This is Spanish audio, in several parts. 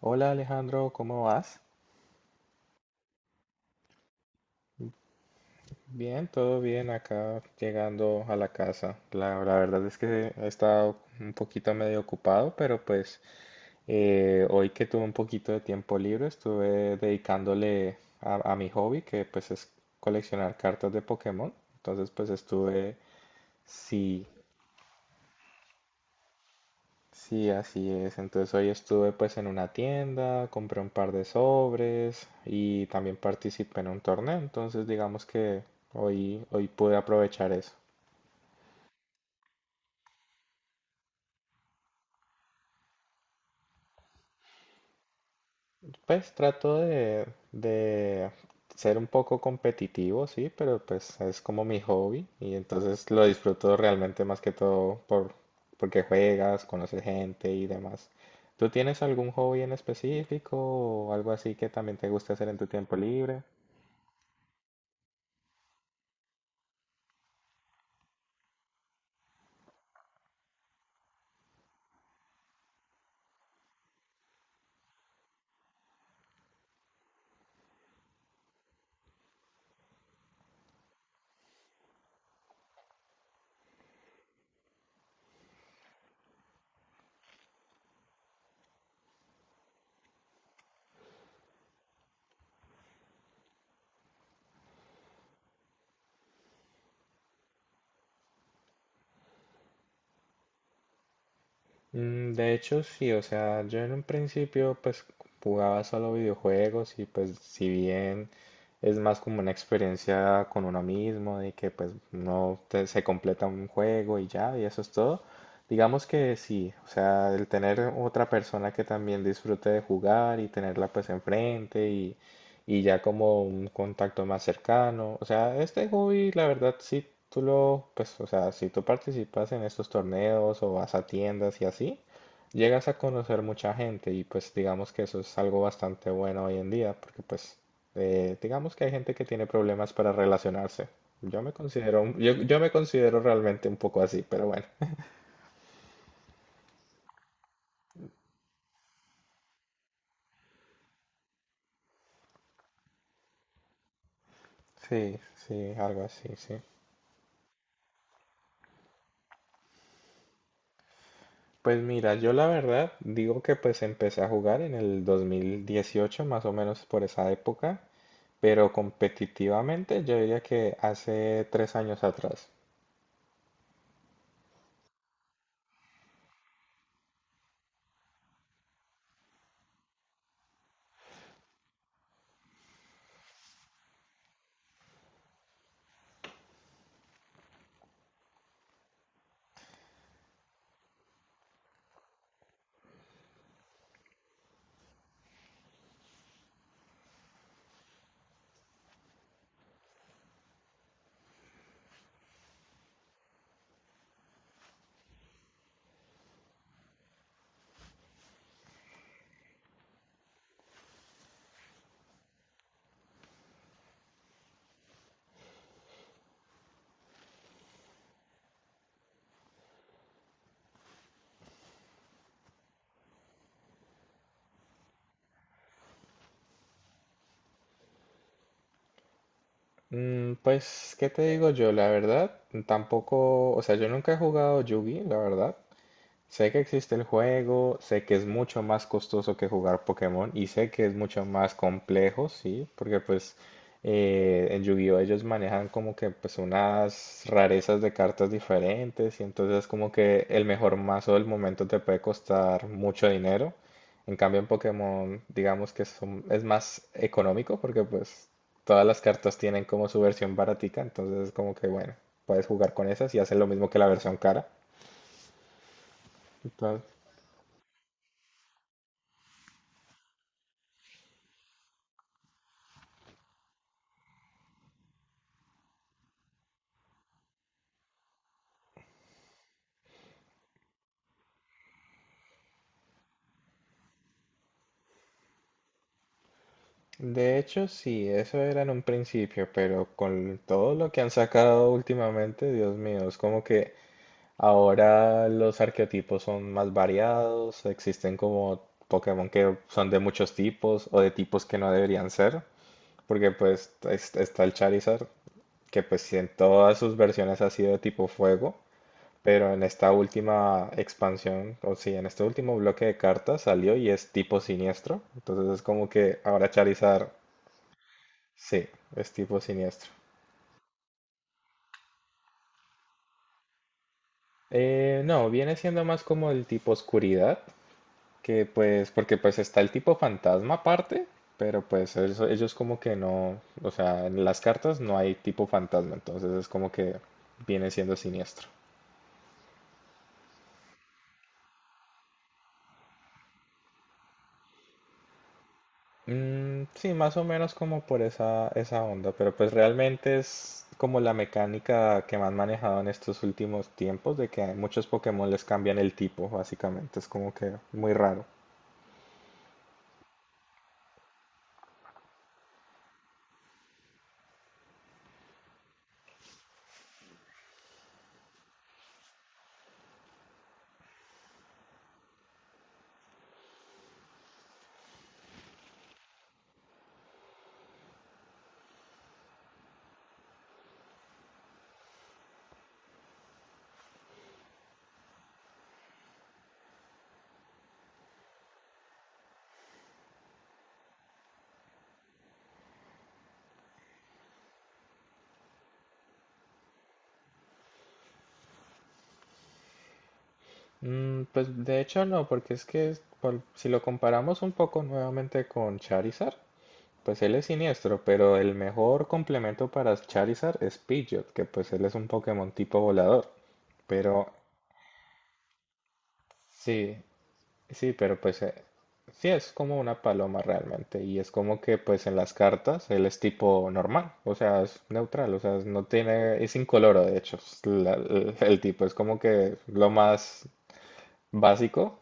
Hola Alejandro, ¿cómo vas? Bien, todo bien acá llegando a la casa. La verdad es que he estado un poquito medio ocupado, pero hoy que tuve un poquito de tiempo libre estuve dedicándole a mi hobby, que pues es coleccionar cartas de Pokémon. Entonces pues estuve, sí. Sí, así es. Entonces hoy estuve pues en una tienda, compré un par de sobres y también participé en un torneo. Entonces digamos que hoy pude aprovechar eso. Pues trato de ser un poco competitivo, sí, pero pues es como mi hobby y entonces lo disfruto realmente más que todo porque juegas, conoces gente y demás. ¿Tú tienes algún hobby en específico o algo así que también te gusta hacer en tu tiempo libre? De hecho, sí, o sea, yo en un principio pues jugaba solo videojuegos y pues si bien es más como una experiencia con uno mismo, de que pues no se completa un juego y ya, y eso es todo, digamos que sí, o sea, el tener otra persona que también disfrute de jugar y tenerla pues enfrente y ya como un contacto más cercano. O sea, este hobby, la verdad, si tú lo, pues, o sea, si tú participas en estos torneos o vas a tiendas y así, llegas a conocer mucha gente y pues digamos que eso es algo bastante bueno hoy en día, porque digamos que hay gente que tiene problemas para relacionarse. Yo me considero, yo, me considero realmente un poco así, pero bueno. Sí, sí, algo así, sí. Pues mira, yo la verdad digo que pues empecé a jugar en el 2018, más o menos por esa época, pero competitivamente yo diría que hace 3 años atrás. Pues, ¿qué te digo yo? La verdad, tampoco, o sea, yo nunca he jugado Yugi, la verdad. Sé que existe el juego, sé que es mucho más costoso que jugar Pokémon y sé que es mucho más complejo, sí, porque en Yu-Gi-Oh ellos manejan como que pues unas rarezas de cartas diferentes y entonces como que el mejor mazo del momento te puede costar mucho dinero. En cambio en Pokémon digamos que es más económico porque pues todas las cartas tienen como su versión baratica, entonces como que bueno, puedes jugar con esas y hacen lo mismo que la versión cara. De hecho, sí, eso era en un principio, pero con todo lo que han sacado últimamente, Dios mío, es como que ahora los arqueotipos son más variados, existen como Pokémon que son de muchos tipos o de tipos que no deberían ser, porque pues está el Charizard, que pues sí, en todas sus versiones ha sido de tipo fuego, pero en esta última expansión, o sí, en este último bloque de cartas salió y es tipo siniestro, entonces es como que ahora Charizard. Sí, es tipo siniestro. No, viene siendo más como el tipo oscuridad, que pues, porque pues está el tipo fantasma aparte, pero pues ellos como que no, o sea, en las cartas no hay tipo fantasma, entonces es como que viene siendo siniestro. Mm, sí, más o menos como por esa onda, pero pues realmente es como la mecánica que me han manejado en estos últimos tiempos, de que a muchos Pokémon les cambian el tipo, básicamente, es como que muy raro. Pues de hecho no, porque es que si lo comparamos un poco nuevamente con Charizard, pues él es siniestro, pero el mejor complemento para Charizard es Pidgeot, que pues él es un Pokémon tipo volador. Pero sí, sí, pero sí es como una paloma realmente y es como que pues en las cartas él es tipo normal, o sea, es neutral, o sea, no tiene, es incoloro de hecho, es el tipo es como que lo más básico.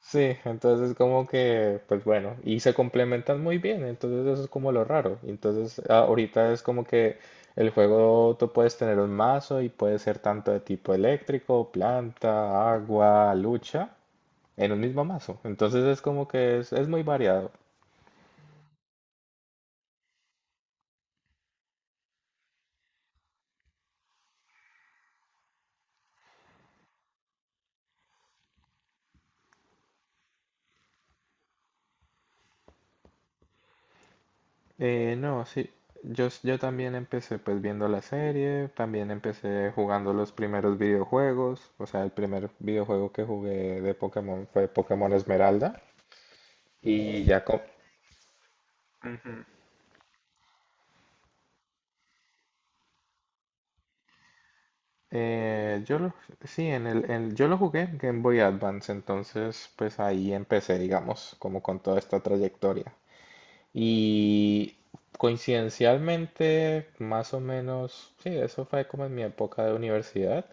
Sí, entonces como que, pues bueno, y se complementan muy bien, entonces eso es como lo raro. Entonces ahorita es como que el juego tú puedes tener un mazo y puede ser tanto de tipo eléctrico, planta, agua, lucha, en un mismo mazo. Entonces es como que es muy variado. No, sí, yo, yo también empecé pues viendo la serie, también empecé jugando los primeros videojuegos, o sea, el primer videojuego que jugué de Pokémon fue Pokémon Esmeralda. Y ya, Eh, yo lo, sí, en yo lo jugué en Game Boy Advance, entonces pues ahí empecé, digamos, como con toda esta trayectoria. Y coincidencialmente, más o menos, sí, eso fue como en mi época de universidad,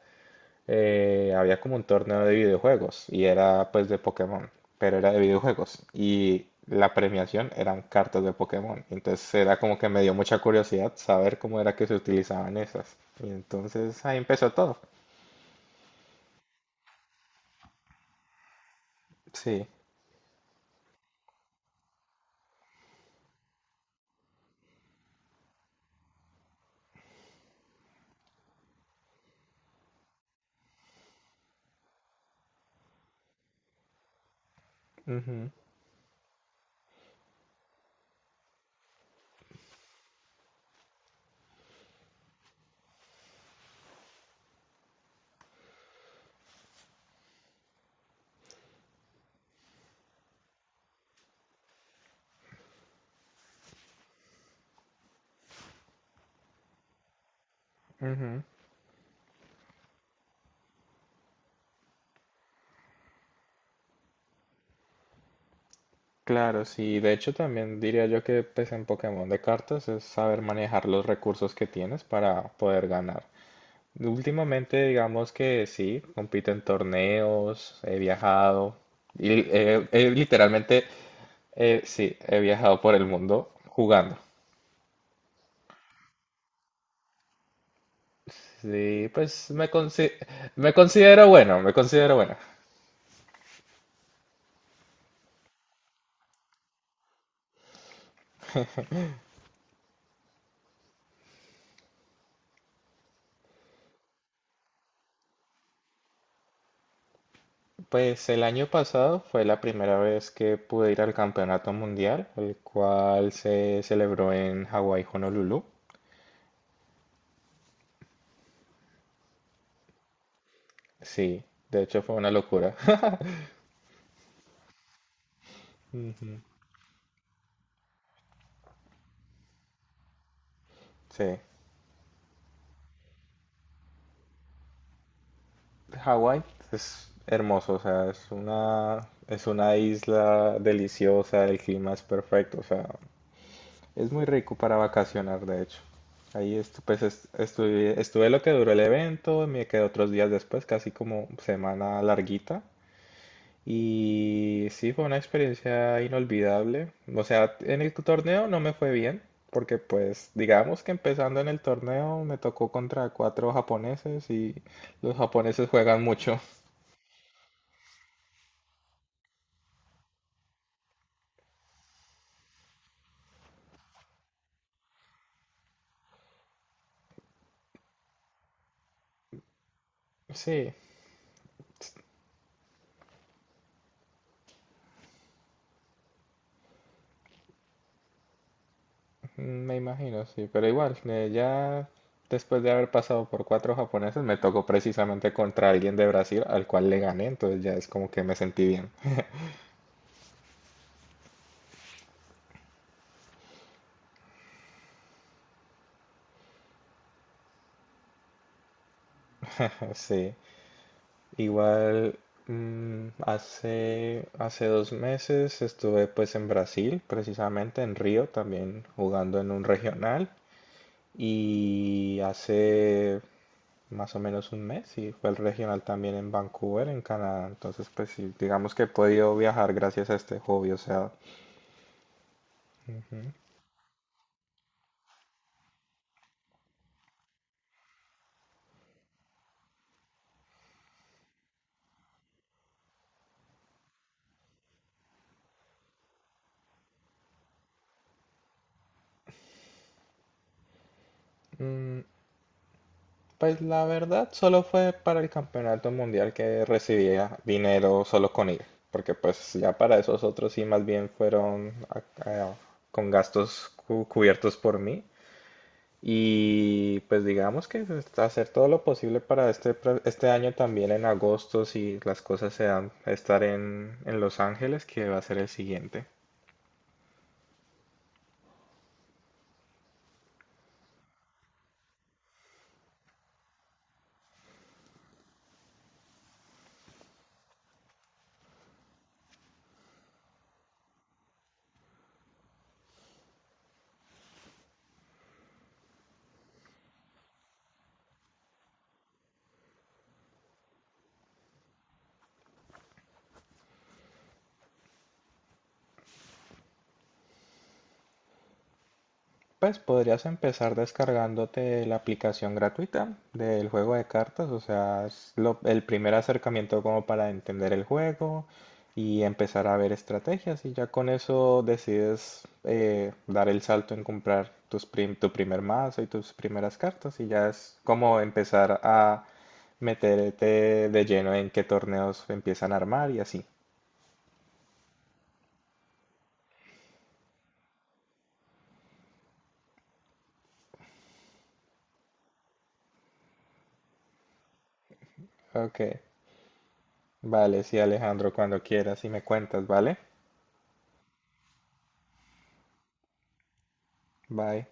había como un torneo de videojuegos y era pues de Pokémon, pero era de videojuegos y la premiación eran cartas de Pokémon. Entonces era como que me dio mucha curiosidad saber cómo era que se utilizaban esas. Y entonces ahí empezó todo. Sí, ujú, ujú. Claro, sí. De hecho, también diría yo que pues, en Pokémon de cartas es saber manejar los recursos que tienes para poder ganar. Últimamente, digamos que sí, compito en torneos, he viajado y literalmente, sí, he viajado por el mundo jugando. Sí, pues me considero bueno, me considero bueno. Pues el año pasado fue la primera vez que pude ir al campeonato mundial, el cual se celebró en Hawái, Honolulu. Sí, de hecho fue una locura. Ujú. Sí, Hawái es hermoso, o sea, es una isla deliciosa, el clima es perfecto, o sea, es muy rico para vacacionar, de hecho. Ahí estuve, estuve lo que duró el evento, me quedé otros días después, casi como semana larguita. Y sí, fue una experiencia inolvidable. O sea, en el torneo no me fue bien, porque pues digamos que empezando en el torneo me tocó contra 4 japoneses y los japoneses juegan mucho. Sí, me imagino, sí, pero igual, ya después de haber pasado por 4 japoneses me tocó precisamente contra alguien de Brasil al cual le gané, entonces ya es como que me sentí bien. Sí. Igual hace, hace 2 meses estuve pues en Brasil, precisamente en Río, también jugando en un regional. Y hace más o menos un mes, y fue el regional también en Vancouver, en Canadá. Entonces pues sí, digamos que he podido viajar gracias a este hobby, o sea. Ujú. Mm, Pues la verdad solo fue para el campeonato mundial que recibía dinero solo con ir, porque pues ya para esos otros sí más bien a- con gastos cubiertos por mí y pues digamos que es hacer todo lo posible para este año también en agosto si las cosas se dan, estar en Los Ángeles que va a ser el siguiente. Pues podrías empezar descargándote la aplicación gratuita del juego de cartas, o sea, es el primer acercamiento como para entender el juego y empezar a ver estrategias y ya con eso decides dar el salto en comprar tus tu primer mazo y tus primeras cartas y ya es como empezar a meterte de lleno en qué torneos empiezan a armar y así. Ok, vale, sí Alejandro, cuando quieras y me cuentas, ¿vale? Bye.